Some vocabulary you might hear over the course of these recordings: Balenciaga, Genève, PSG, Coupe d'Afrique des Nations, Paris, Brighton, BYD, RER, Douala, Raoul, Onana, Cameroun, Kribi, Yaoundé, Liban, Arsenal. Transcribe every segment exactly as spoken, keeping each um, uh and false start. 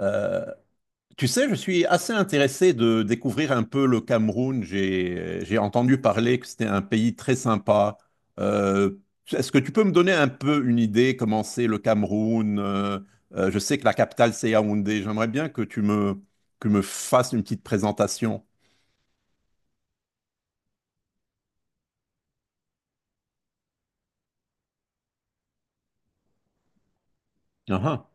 Euh, Tu sais, je suis assez intéressé de découvrir un peu le Cameroun. J'ai, j'ai entendu parler que c'était un pays très sympa. Euh, Est-ce que tu peux me donner un peu une idée comment c'est le Cameroun? Euh, euh, je sais que la capitale, c'est Yaoundé. J'aimerais bien que tu me, que me fasses une petite présentation. Ah, ah,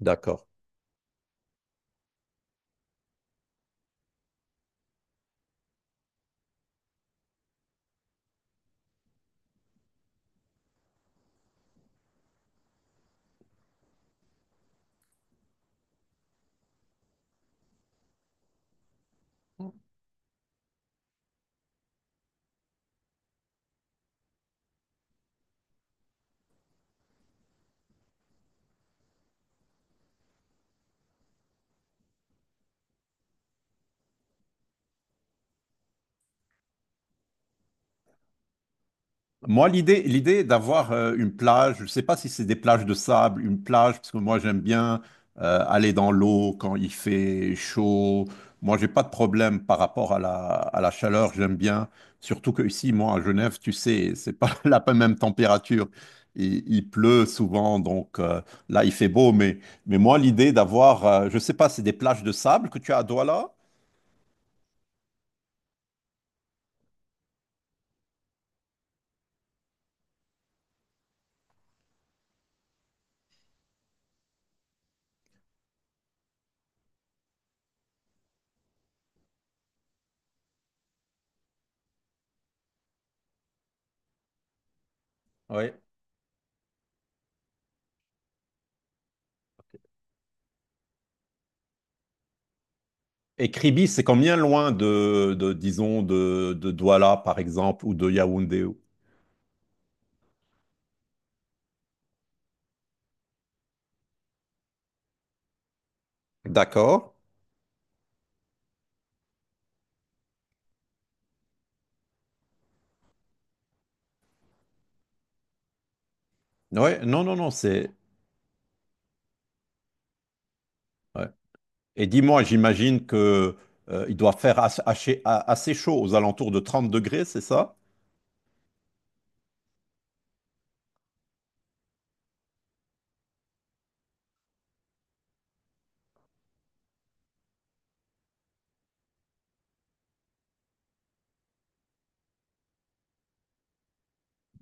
d'accord. Moi, l'idée, l'idée d'avoir euh, une plage, je ne sais pas si c'est des plages de sable, une plage, parce que moi, j'aime bien euh, aller dans l'eau quand il fait chaud. Moi, j'ai pas de problème par rapport à la, à la chaleur, j'aime bien. Surtout que ici, moi, à Genève, tu sais, c'est pas la même température. Il, il pleut souvent, donc euh, là, il fait beau. Mais, mais moi, l'idée d'avoir, euh, je ne sais pas, c'est des plages de sable que tu as à Douala? Oui. Et Kribi, c'est combien loin de, de disons, de, de Douala, par exemple, ou de Yaoundé? ou- D'accord. Ouais, non, non, non, c'est. Ouais. Et dis-moi, j'imagine que euh, il doit faire as- assez, a- assez chaud, aux alentours de trente degrés, c'est ça?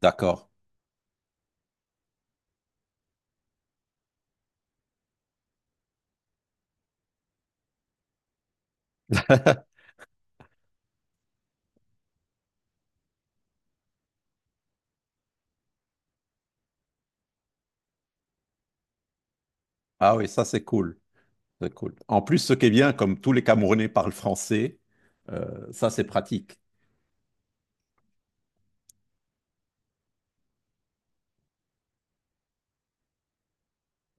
D'accord. Ah oui, ça, c'est cool. C'est cool. En plus, ce qui est bien, comme tous les Camerounais parlent français, euh, ça, c'est pratique.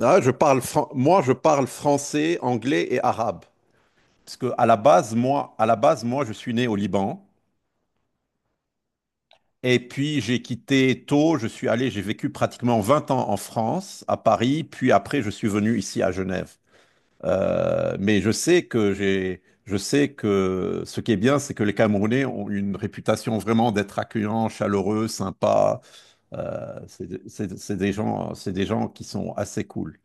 Ah, je parle fran- Moi, je parle français, anglais et arabe. Parce que à la base, moi, à la base, moi, je suis né au Liban. Et puis j'ai quitté tôt, je suis allé, j'ai vécu pratiquement vingt ans en France, à Paris, puis après je suis venu ici à Genève. Euh, mais je sais que j'ai, je sais que ce qui est bien, c'est que les Camerounais ont une réputation vraiment d'être accueillants, chaleureux, sympas. Euh, c'est c'est- c'est des gens, c'est des gens qui sont assez cool.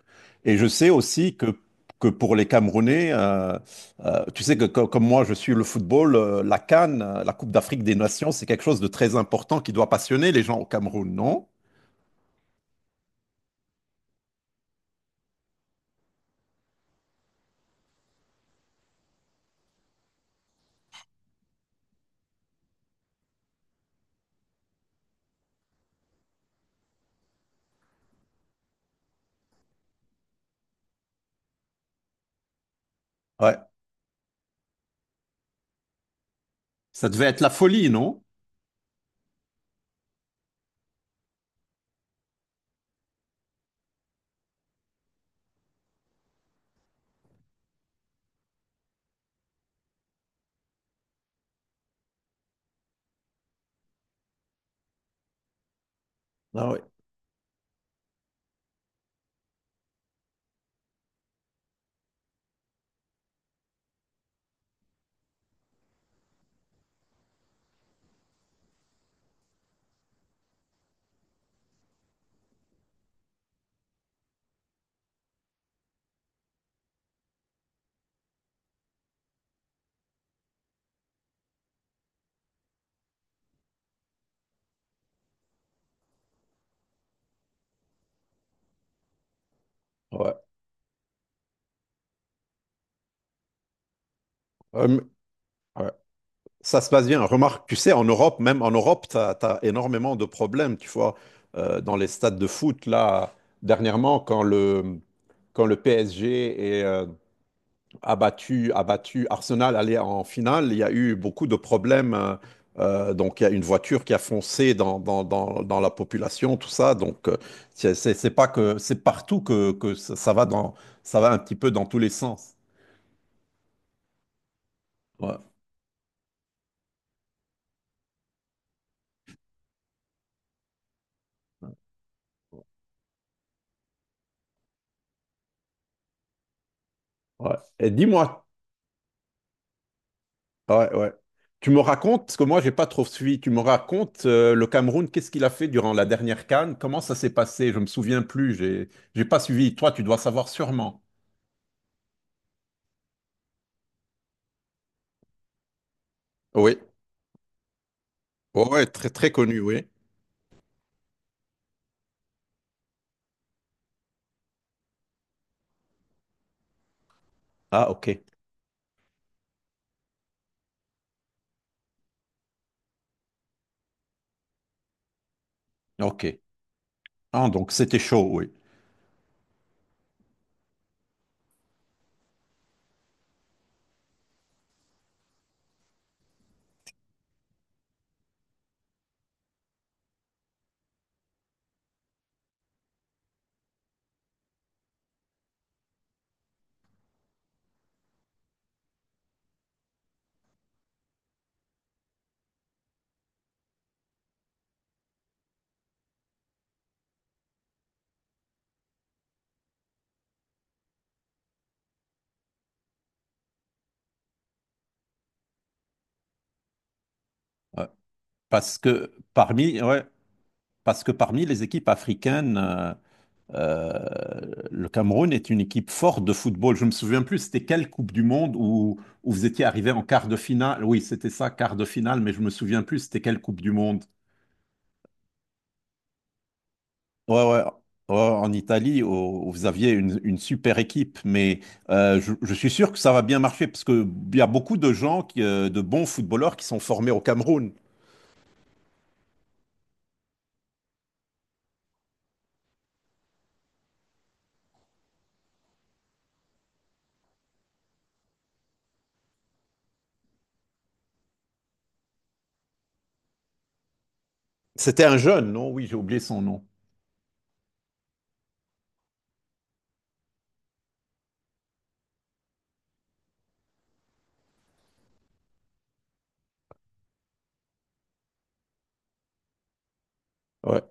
Et je sais aussi que, que pour les Camerounais, euh, euh, tu sais que co- comme moi, je suis le football, euh, la C A N, euh, la Coupe d'Afrique des Nations, c'est quelque chose de très important qui doit passionner les gens au Cameroun, non? Ouais. Ça devait être la folie, non? Ah oui. Ouais. Euh, ouais. Ça se passe bien. Remarque, tu sais, en Europe, même en Europe, tu as, énormément de problèmes. Tu vois, Euh, dans les stades de foot, là, dernièrement, quand le, quand le P S G est euh, abattu, abattu, Arsenal allait en finale, il y a eu beaucoup de problèmes. Euh, euh, donc, il y a une voiture qui a foncé dans, dans, dans- dans la population, tout ça. Donc, euh, c'est c'est- c'est pas que, c'est partout que, que ça, ça va dans, ça va un petit peu dans tous les sens. Ouais. Ouais. Et dis-moi, ouais, ouais. Tu me racontes, parce que moi, j'ai pas trop suivi, tu me racontes euh, le Cameroun, qu'est-ce qu'il a fait durant la dernière C A N? Comment ça s'est passé? Je me souviens plus, j'ai j'ai pas suivi. Toi, tu dois savoir sûrement. Oui, ouais, ouais, très très connu, oui. Ah, ok, ok. Ah, donc c'était chaud, oui. Ouais. Parce que parmi, ouais, Parce que parmi les équipes africaines, euh, euh, le Cameroun est une équipe forte de football. Je me souviens plus, c'était quelle Coupe du Monde où, où vous étiez arrivé en quart de finale? Oui, c'était ça, quart de finale, mais je me souviens plus, c'était quelle Coupe du Monde? Ouais, ouais. ouais, en Italie, où où vous aviez une, une super équipe, mais euh, je, je suis sûr que ça va bien marcher parce que il y a beaucoup de gens, qui, euh, de bons footballeurs qui sont formés au Cameroun. C'était un jeune, non? Oui, j'ai oublié son nom. Ouais.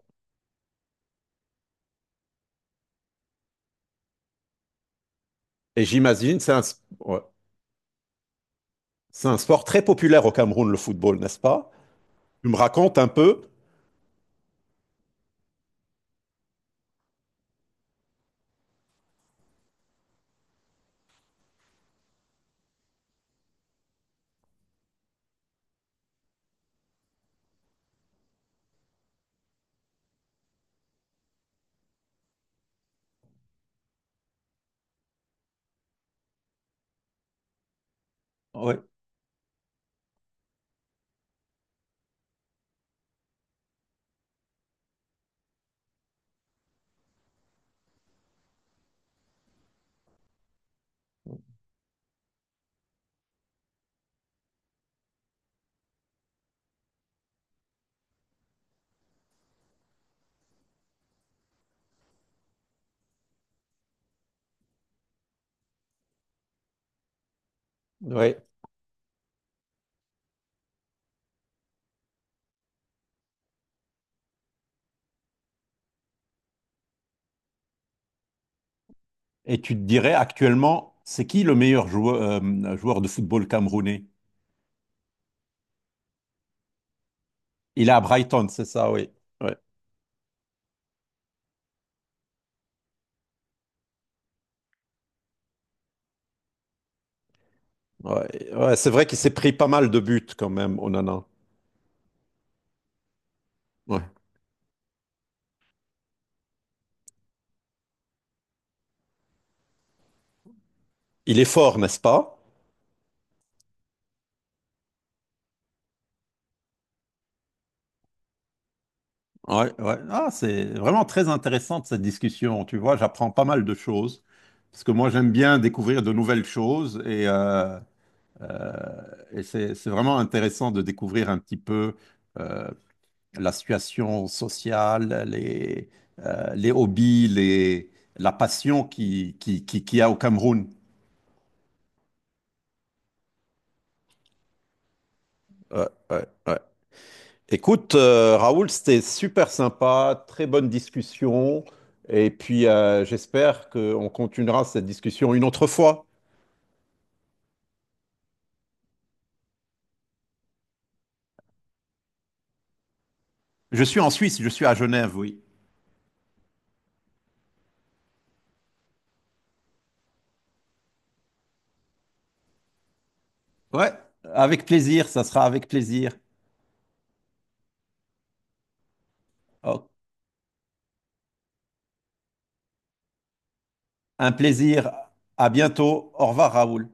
Et j'imagine, c'est un, s- ouais. C'est un sport très populaire au Cameroun, le football, n'est-ce pas? Tu me racontes un peu? Ouais, ouais. Et tu te dirais actuellement, c'est qui le meilleur joueur, euh, joueur de football camerounais? Il est à Brighton, c'est ça, oui. Ouais, ouais. Ouais, c'est vrai qu'il s'est pris pas mal de buts quand même, Onana. Ouais. Il est fort, n'est-ce pas? Ouais, ouais. Ah, c'est vraiment très intéressante cette discussion. Tu vois, j'apprends pas mal de choses. Parce que moi, j'aime bien découvrir de nouvelles choses et, euh, et c'est, c'est vraiment intéressant de découvrir un petit peu euh, la situation sociale, les, euh, les hobbies, les, la passion qui, qui, qui, qu'il y a au Cameroun. Ouais, ouais, ouais. Écoute, euh, Raoul, c'était super sympa, très bonne discussion. Et puis, euh, j'espère qu'on continuera cette discussion une autre fois. Je suis en Suisse, je suis à Genève, oui. Ouais, avec plaisir, ça sera avec plaisir. Oh, un plaisir. À bientôt. Au revoir, Raoul.